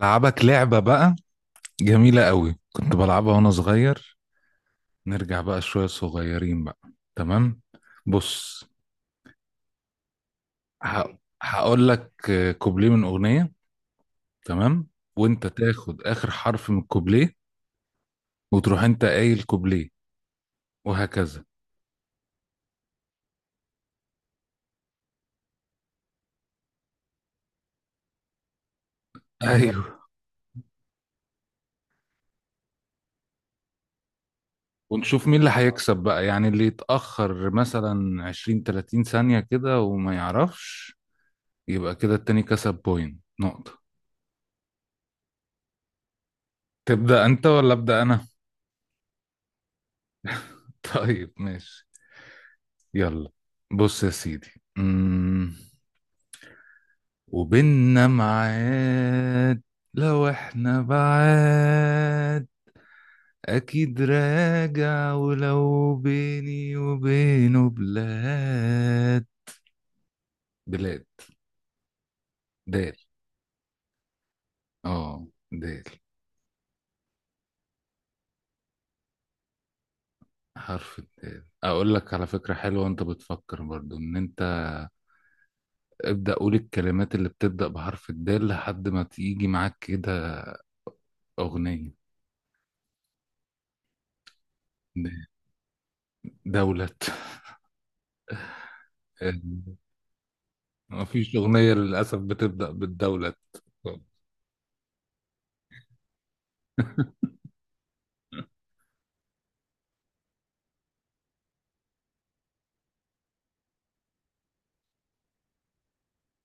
لعبك لعبة بقى جميلة قوي، كنت بلعبها وانا صغير. نرجع بقى شوية صغيرين بقى. تمام. بص، هقول لك كوبليه من أغنية. تمام، وانت تاخد آخر حرف من الكوبليه وتروح انت قايل كوبليه، وهكذا. ايوه. ونشوف مين اللي هيكسب بقى، يعني اللي يتأخر مثلا 20 30 ثانية كده وما يعرفش، يبقى كده التاني كسب بوينت، نقطة. تبدأ انت ولا أبدأ انا؟ طيب ماشي، يلا. بص يا سيدي. امم وبيننا ميعاد، لو احنا بعاد اكيد راجع، ولو بيني وبينه بلاد، بلاد. دال. اه، دال، حرف الدال. اقول لك على فكرة حلوة، وانت بتفكر برضو ان انت ابدأ قول الكلمات اللي بتبدأ بحرف الدال لحد ما تيجي معاك كده اغنية. د- دولة. ما فيش أغنية للأسف بتبدأ بالدولة.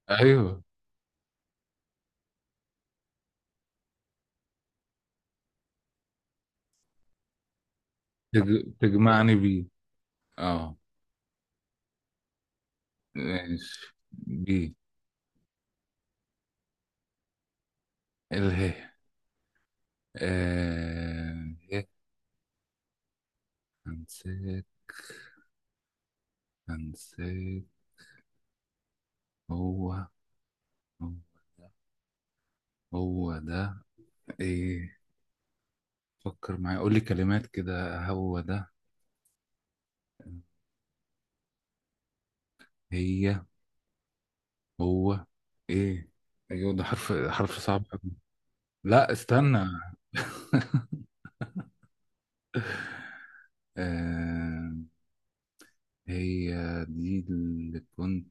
أيوه. تجمعني بيه. اه، ماشي بيه. اله. إيه؟ هنسيت، هنسيت. هو هو ده، هو ده، ايه. فكر معايا، قول لي كلمات كده. هو ده، هي، هو، ايه. ايوه ده حرف صعب أوي. لا استنى. آه... هي دي اللي كنت،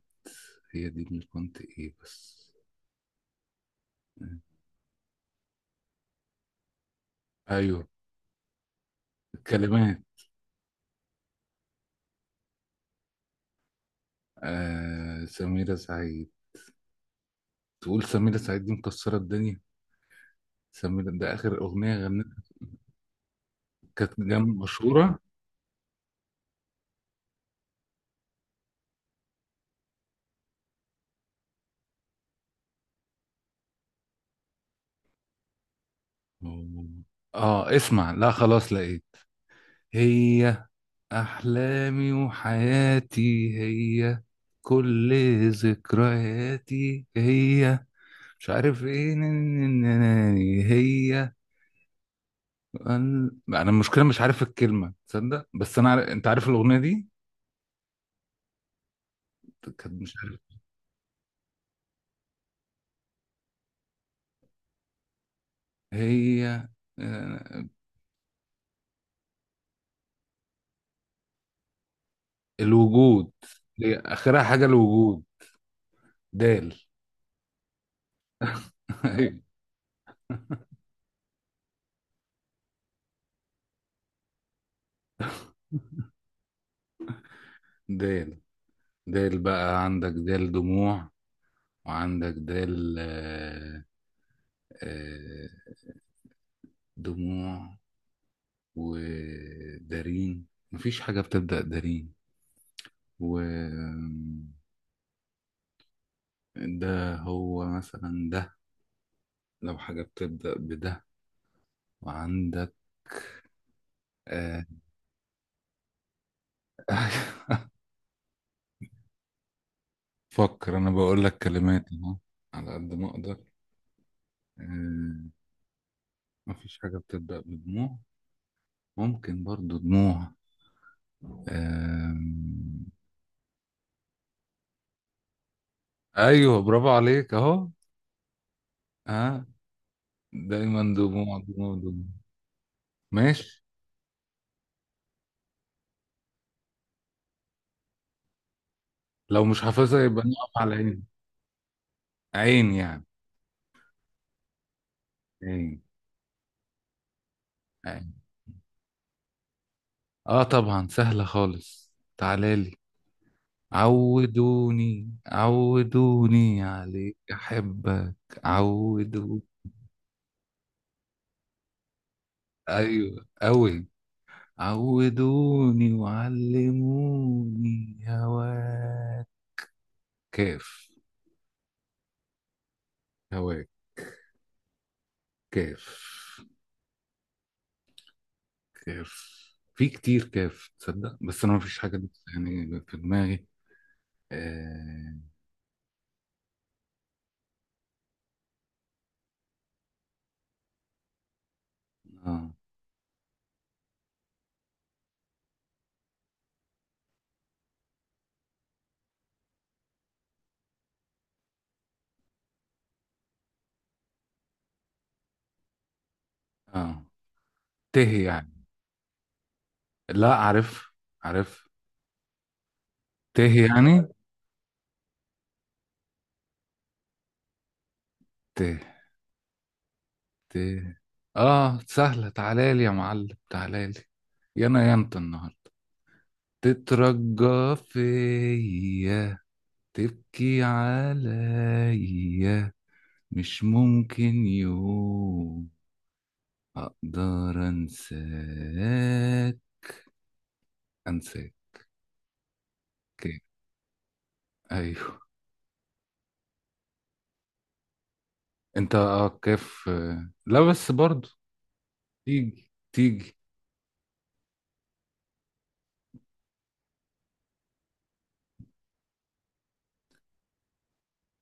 هي دي اللي كنت ايه بس. ايوه، الكلمات. آه، سميرة سعيد. تقول سميرة سعيد دي مكسرة الدنيا. سميرة ده اخر اغنية غنتها، كانت جام مشهورة. اه اسمع، لا خلاص لقيت. هي، احلامي وحياتي، هي كل ذكرياتي، هي مش عارف ايه، هي. أنا المشكله مش عارف الكلمه، تصدق بس انا انت عارف الاغنيه دي، كانت مش عارف. هي، آه، الوجود. هي اخرها حاجه الوجود. دال. أيوة، دال. دال بقى، عندك دال دموع، وعندك دال آه، دموع ودارين. مفيش حاجه بتبدا دارين. و، ده هو مثلا ده، لو حاجه بتبدا بده. وعندك آه، فكر، انا بقول لك كلمات اهو على قد ما اقدر. آه، مفيش حاجه بتبدا بدموع. ممكن برضو دموع. آه، ايوه برافو عليك اهو. ها، دايما دموع دموع دموع. ماشي. لو مش حافظها يبقى نقف على عين. عين يعني. عين. عين، اه طبعا سهله خالص. تعالى لي، عودوني عودوني عليك احبك. عودوني. ايوه قوي. عودوني وعلموني هواك. كاف. هواك. كاف. كاف. في كتير كاف تصدق، بس انا ما فيش حاجه دي يعني في دماغي. اه. اه, آه. ته يعني. لا عارف، عارف. ته يعني. ته. ته. اه سهله. تعالى لي يا معلم، تعالى لي. يا انا يا انت النهارده، تترجى فيا، تبكي عليا، مش ممكن يوم أقدر أنساك، أنساك. كده. أيوه. أنت آه كيف لا بس برضو تيجي تيجي.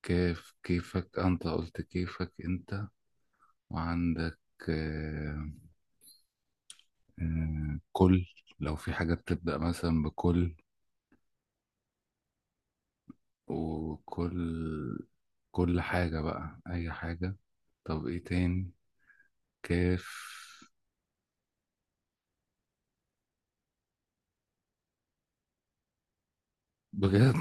كيف، كيفك أنت، قلت كيفك أنت. وعندك آه، كل. لو في حاجة بتبدأ مثلا بكل، وكل، كل حاجة بقى أي حاجة. طب إيه تاني؟ كيف. بجد.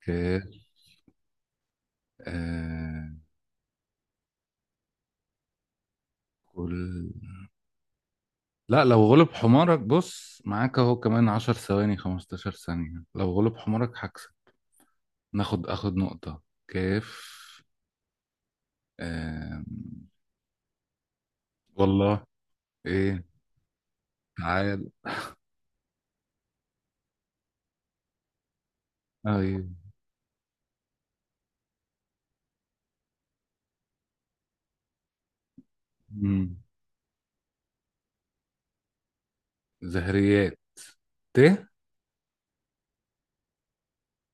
كيف. آه، كل... لا لو غلب حمارك بص، معاك اهو كمان 10 ثواني، 15 ثانية، لو غلب حمارك هكسب، ناخد اخد نقطة. كيف. آم... والله. ايه. تعال. ايوه. مم. زهريات. ت.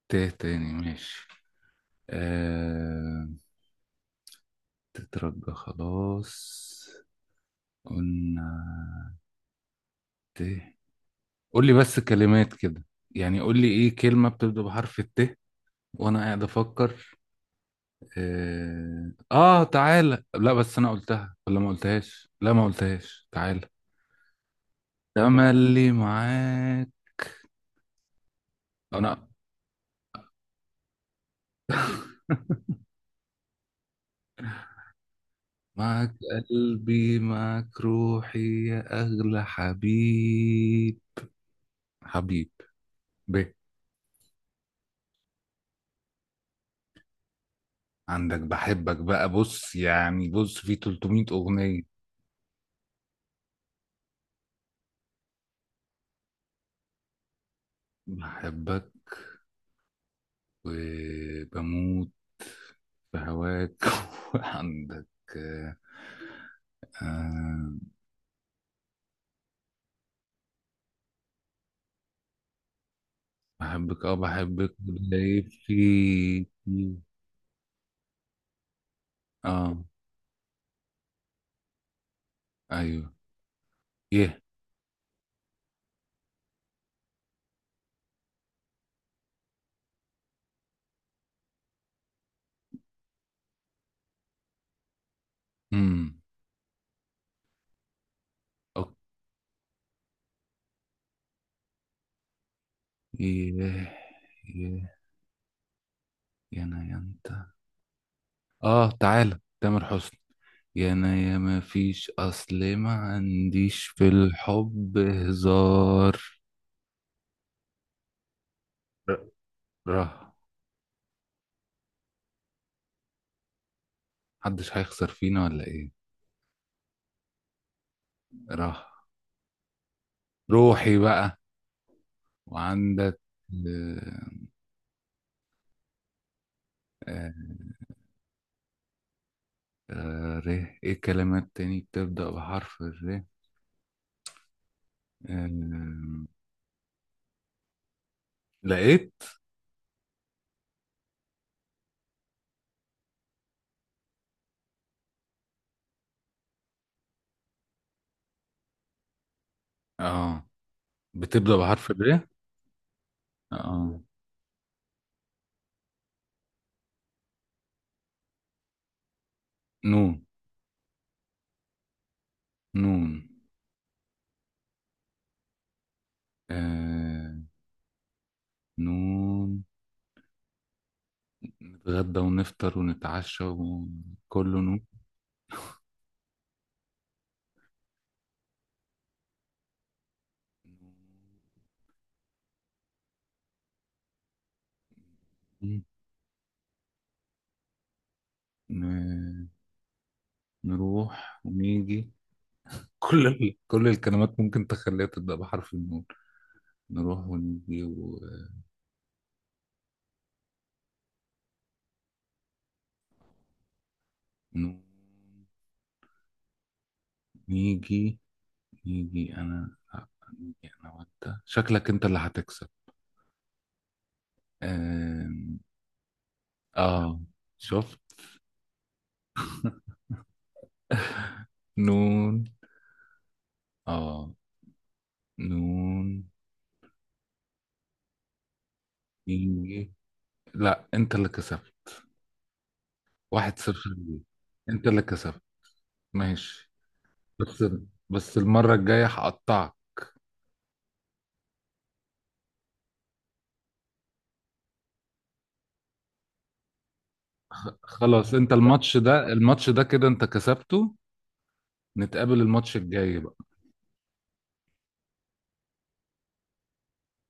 ت تاني ماشي. آم... تترجى خلاص قلنا. ت. قول لي بس كلمات كده، يعني قول لي ايه كلمة بتبدأ بحرف الت، وانا قاعد افكر. اه، تعالى. لا بس انا قلتها ولا ما قلتهاش؟ لا ما قلتهاش، تعالى. تملي معاك. انا. معاك. قلبي معاك، روحي يا اغلى حبيب. حبيب. ب. عندك بحبك بقى، بص يعني، بص في 300 اغنية. بحبك. وبموت في هواك. وعندك آه، آه، بحبك. اه، بحبك وليل في، في- اه. ايوه. يه. امم اوكي. يه. يه. يا انا يا انت. اه، تعالى تامر حسني. يا انا يا، ما فيش، اصل ما عنديش في الحب هزار. ر- ره. محدش هيخسر فينا ولا ايه؟ ره. روحي بقى. وعندك آه، آه، ر. ايه الكلمات تاني بتبدأ بحرف الر؟ آه، لقيت. اه، بتبدأ بحرف ب. اه. نون. نون. آه. نون. نتغدى ونفطر ونتعشى، وكله نون. ن... نروح ونيجي. كل ال... كل الكلمات ممكن تخليها تبدأ بحرف النون. نروح ونيجي ونون. نيجي. نيجي أنا، نيجي أنا وأنت. شكلك أنت اللي هتكسب. آم، آه. شفت. نون. اه. نون. إيه. لا انت اللي كسبت، 1-0 ليه، انت اللي كسبت. ماشي. بس، بس المرة الجاية هقطعك. خلاص انت الماتش ده، الماتش ده كده انت كسبته. نتقابل الماتش الجاي.